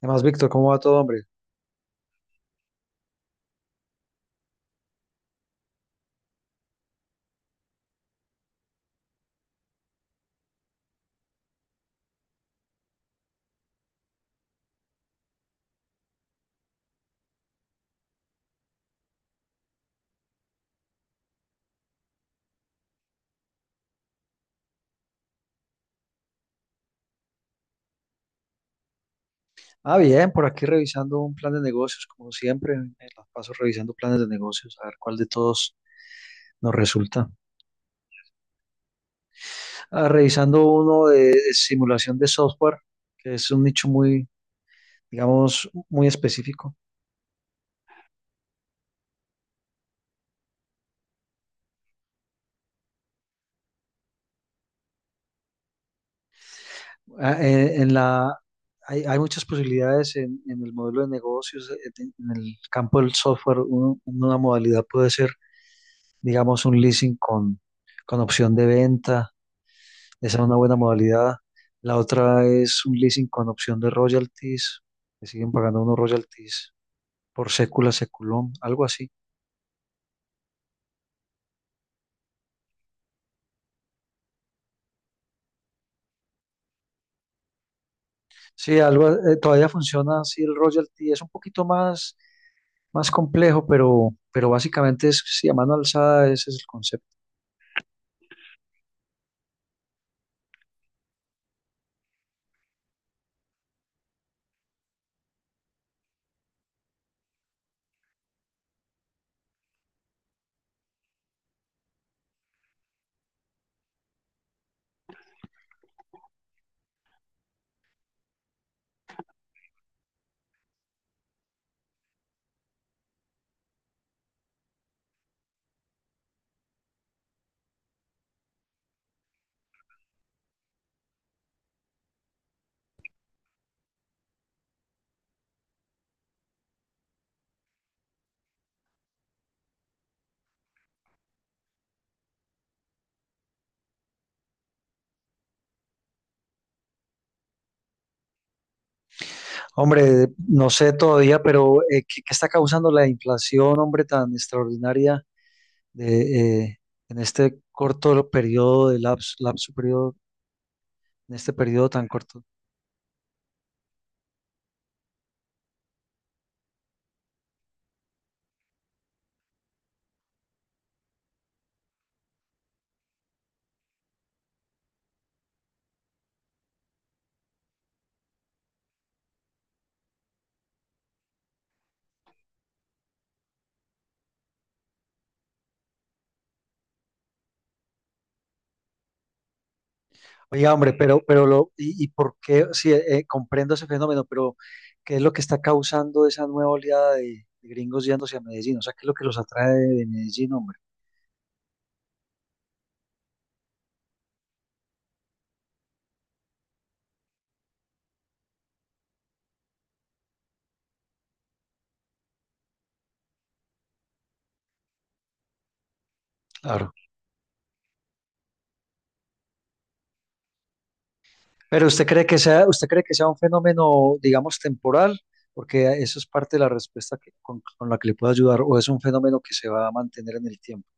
Además, Víctor, ¿cómo va todo, hombre? Ah, bien, por aquí revisando un plan de negocios, como siempre, me la paso revisando planes de negocios, a ver cuál de todos nos resulta. Ah, revisando uno de simulación de software, que es un nicho muy, digamos, muy específico. Ah, hay muchas posibilidades en el modelo de negocios, en el campo del software, una modalidad puede ser, digamos, un leasing con opción de venta. Esa es una buena modalidad. La otra es un leasing con opción de royalties, que siguen pagando unos royalties por sécula, seculón, algo así. Sí, algo, todavía funciona así el royalty, es un poquito más, complejo, pero básicamente es sí, a mano alzada, ese es el concepto. Hombre, no sé todavía, pero ¿qué está causando la inflación, hombre, tan extraordinaria de, eh, en este corto periodo de lapso, lapso periodo, en este periodo tan corto? Oiga, hombre, pero lo, y por qué, sí, comprendo ese fenómeno, pero ¿qué es lo que está causando esa nueva oleada de gringos yéndose a Medellín? O sea, ¿qué es lo que los atrae de Medellín, hombre? Claro. Usted cree que sea un fenómeno, digamos, temporal, porque eso es parte de la respuesta con la que le puedo ayudar, o es un fenómeno que se va a mantener en el tiempo.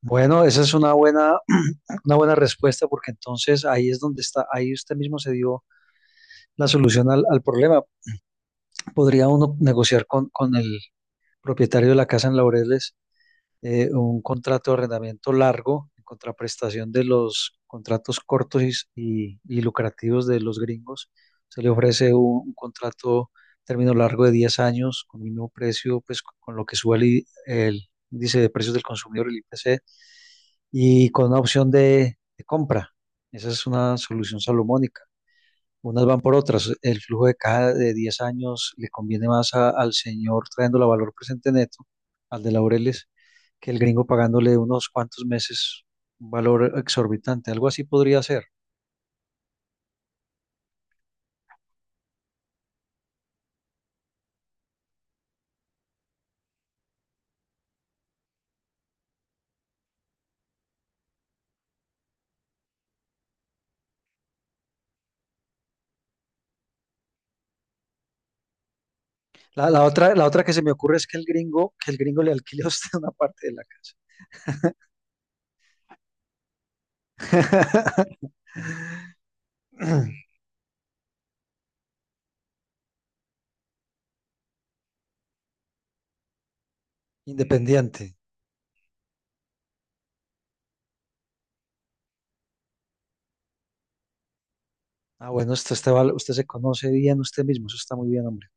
Bueno, esa es una buena, una buena respuesta, porque entonces ahí es donde está, ahí usted mismo se dio la solución al problema. Podría uno negociar con el propietario de la casa en Laureles, un contrato de arrendamiento largo en contraprestación de los contratos cortos y lucrativos de los gringos. Se le ofrece un contrato término largo de 10 años con mínimo precio, pues con lo que sube el índice de precios del consumidor, el IPC, y con una opción de compra. Esa es una solución salomónica. Unas van por otras. El flujo de caja de 10 años le conviene más al señor trayéndolo a valor presente neto, al de Laureles, que el gringo pagándole unos cuantos meses un valor exorbitante. Algo así podría ser. La otra, que se me ocurre es que el gringo, le alquile a usted una parte de la casa. Independiente. Ah, bueno, usted se conoce bien usted mismo, eso está muy bien, hombre.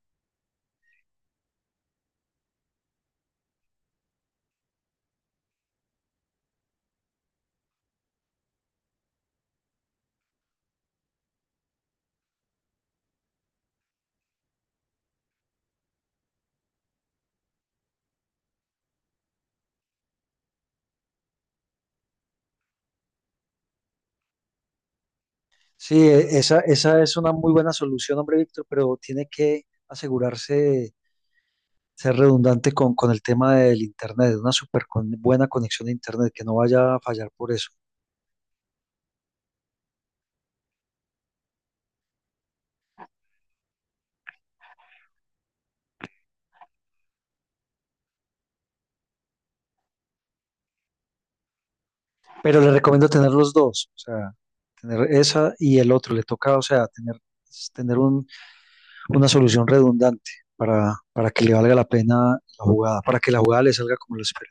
Sí, esa es una muy buena solución, hombre, Víctor, pero tiene que asegurarse ser redundante con el tema del internet, una súper buena conexión a internet, que no vaya a fallar por eso. Pero le recomiendo tener los dos, o sea, tener esa y el otro, le toca, o sea, tener un- una solución redundante para que le valga la pena la jugada, para que la jugada le salga como lo espera.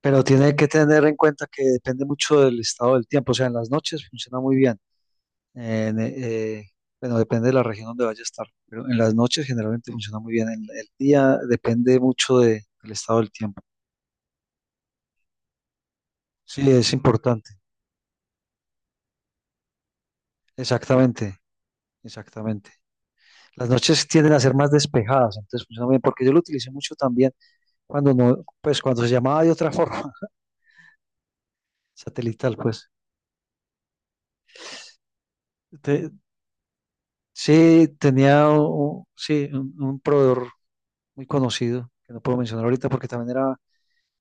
Pero tiene que tener en cuenta que depende mucho del estado del tiempo, o sea, en las noches funciona muy bien. En, eh, bueno, depende de la región donde vaya a estar, pero en las noches generalmente funciona muy bien. En el día depende mucho del estado del tiempo. Sí, es importante. Exactamente, exactamente. Las noches tienden a ser más despejadas, entonces funciona muy bien, porque yo lo utilicé mucho también cuando no, pues cuando se llamaba de otra forma, satelital, pues. Te- sí, tenía un, sí, un proveedor muy conocido, que no puedo mencionar ahorita porque también era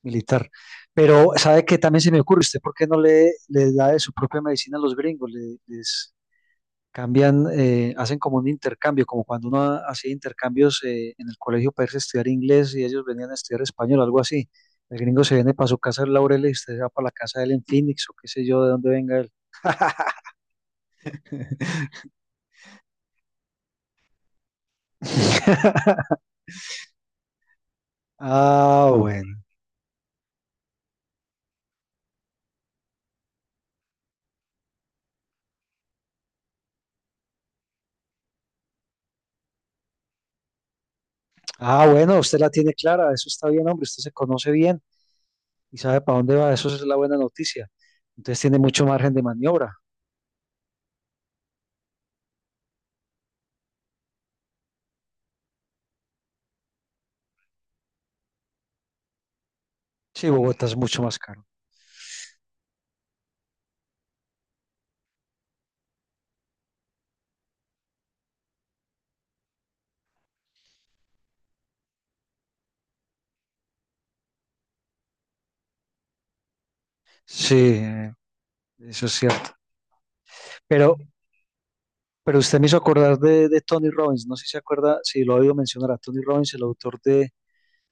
militar. Pero, ¿sabe qué? También se me ocurre, ¿usted por qué no le da de su propia medicina a los gringos? Les cambian, hacen como un intercambio, como cuando uno hacía intercambios en el colegio para irse a estudiar inglés y ellos venían a estudiar español, algo así. El gringo se viene para su casa en Laurel y usted se va para la casa de él en Phoenix o qué sé yo, de dónde venga él. Ah, bueno. Ah, bueno, usted la tiene clara, eso está bien, hombre, usted se conoce bien y sabe para dónde va, eso es la buena noticia. Entonces tiene mucho margen de maniobra. Sí, Bogotá es mucho más caro. Sí, eso es cierto. Pero, pero usted me hizo acordar de Tony Robbins. No sé si se acuerda, si lo ha oído mencionar a Tony Robbins, el autor de,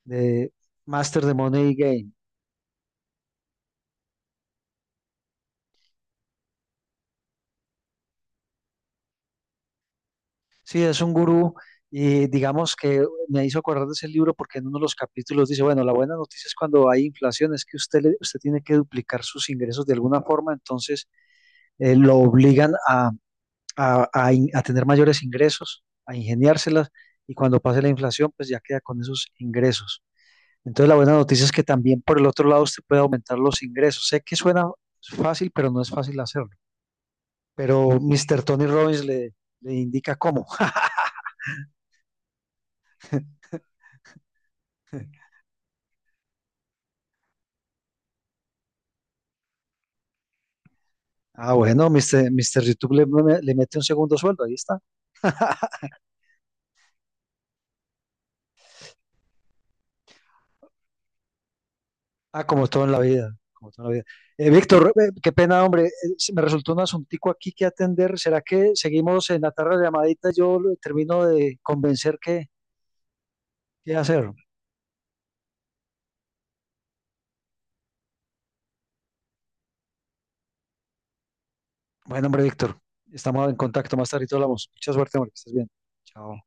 de Master the Money Game. Sí, es un gurú y digamos que me hizo acordar de ese libro porque en uno de los capítulos dice, bueno, la buena noticia es cuando hay inflación, es que usted tiene que duplicar sus ingresos de alguna forma, entonces lo obligan a tener mayores ingresos, a ingeniárselas y cuando pase la inflación, pues ya queda con esos ingresos. Entonces la buena noticia es que también por el otro lado usted puede aumentar los ingresos. Sé que suena fácil, pero no es fácil hacerlo. Pero Mr. Tony Robbins le indica cómo. Ah, bueno, Mr. YouTube le mete un segundo sueldo, ahí está. Ah, como todo en la vida, como todo en la vida. Víctor, qué pena, hombre, se me resultó un asuntico aquí que atender. ¿Será que seguimos en la tarde de llamadita? Yo termino de convencer que qué hacer. Bueno, hombre, Víctor, estamos en contacto más tarde y hablamos. Mucha suerte, hombre, que estés bien. Chao.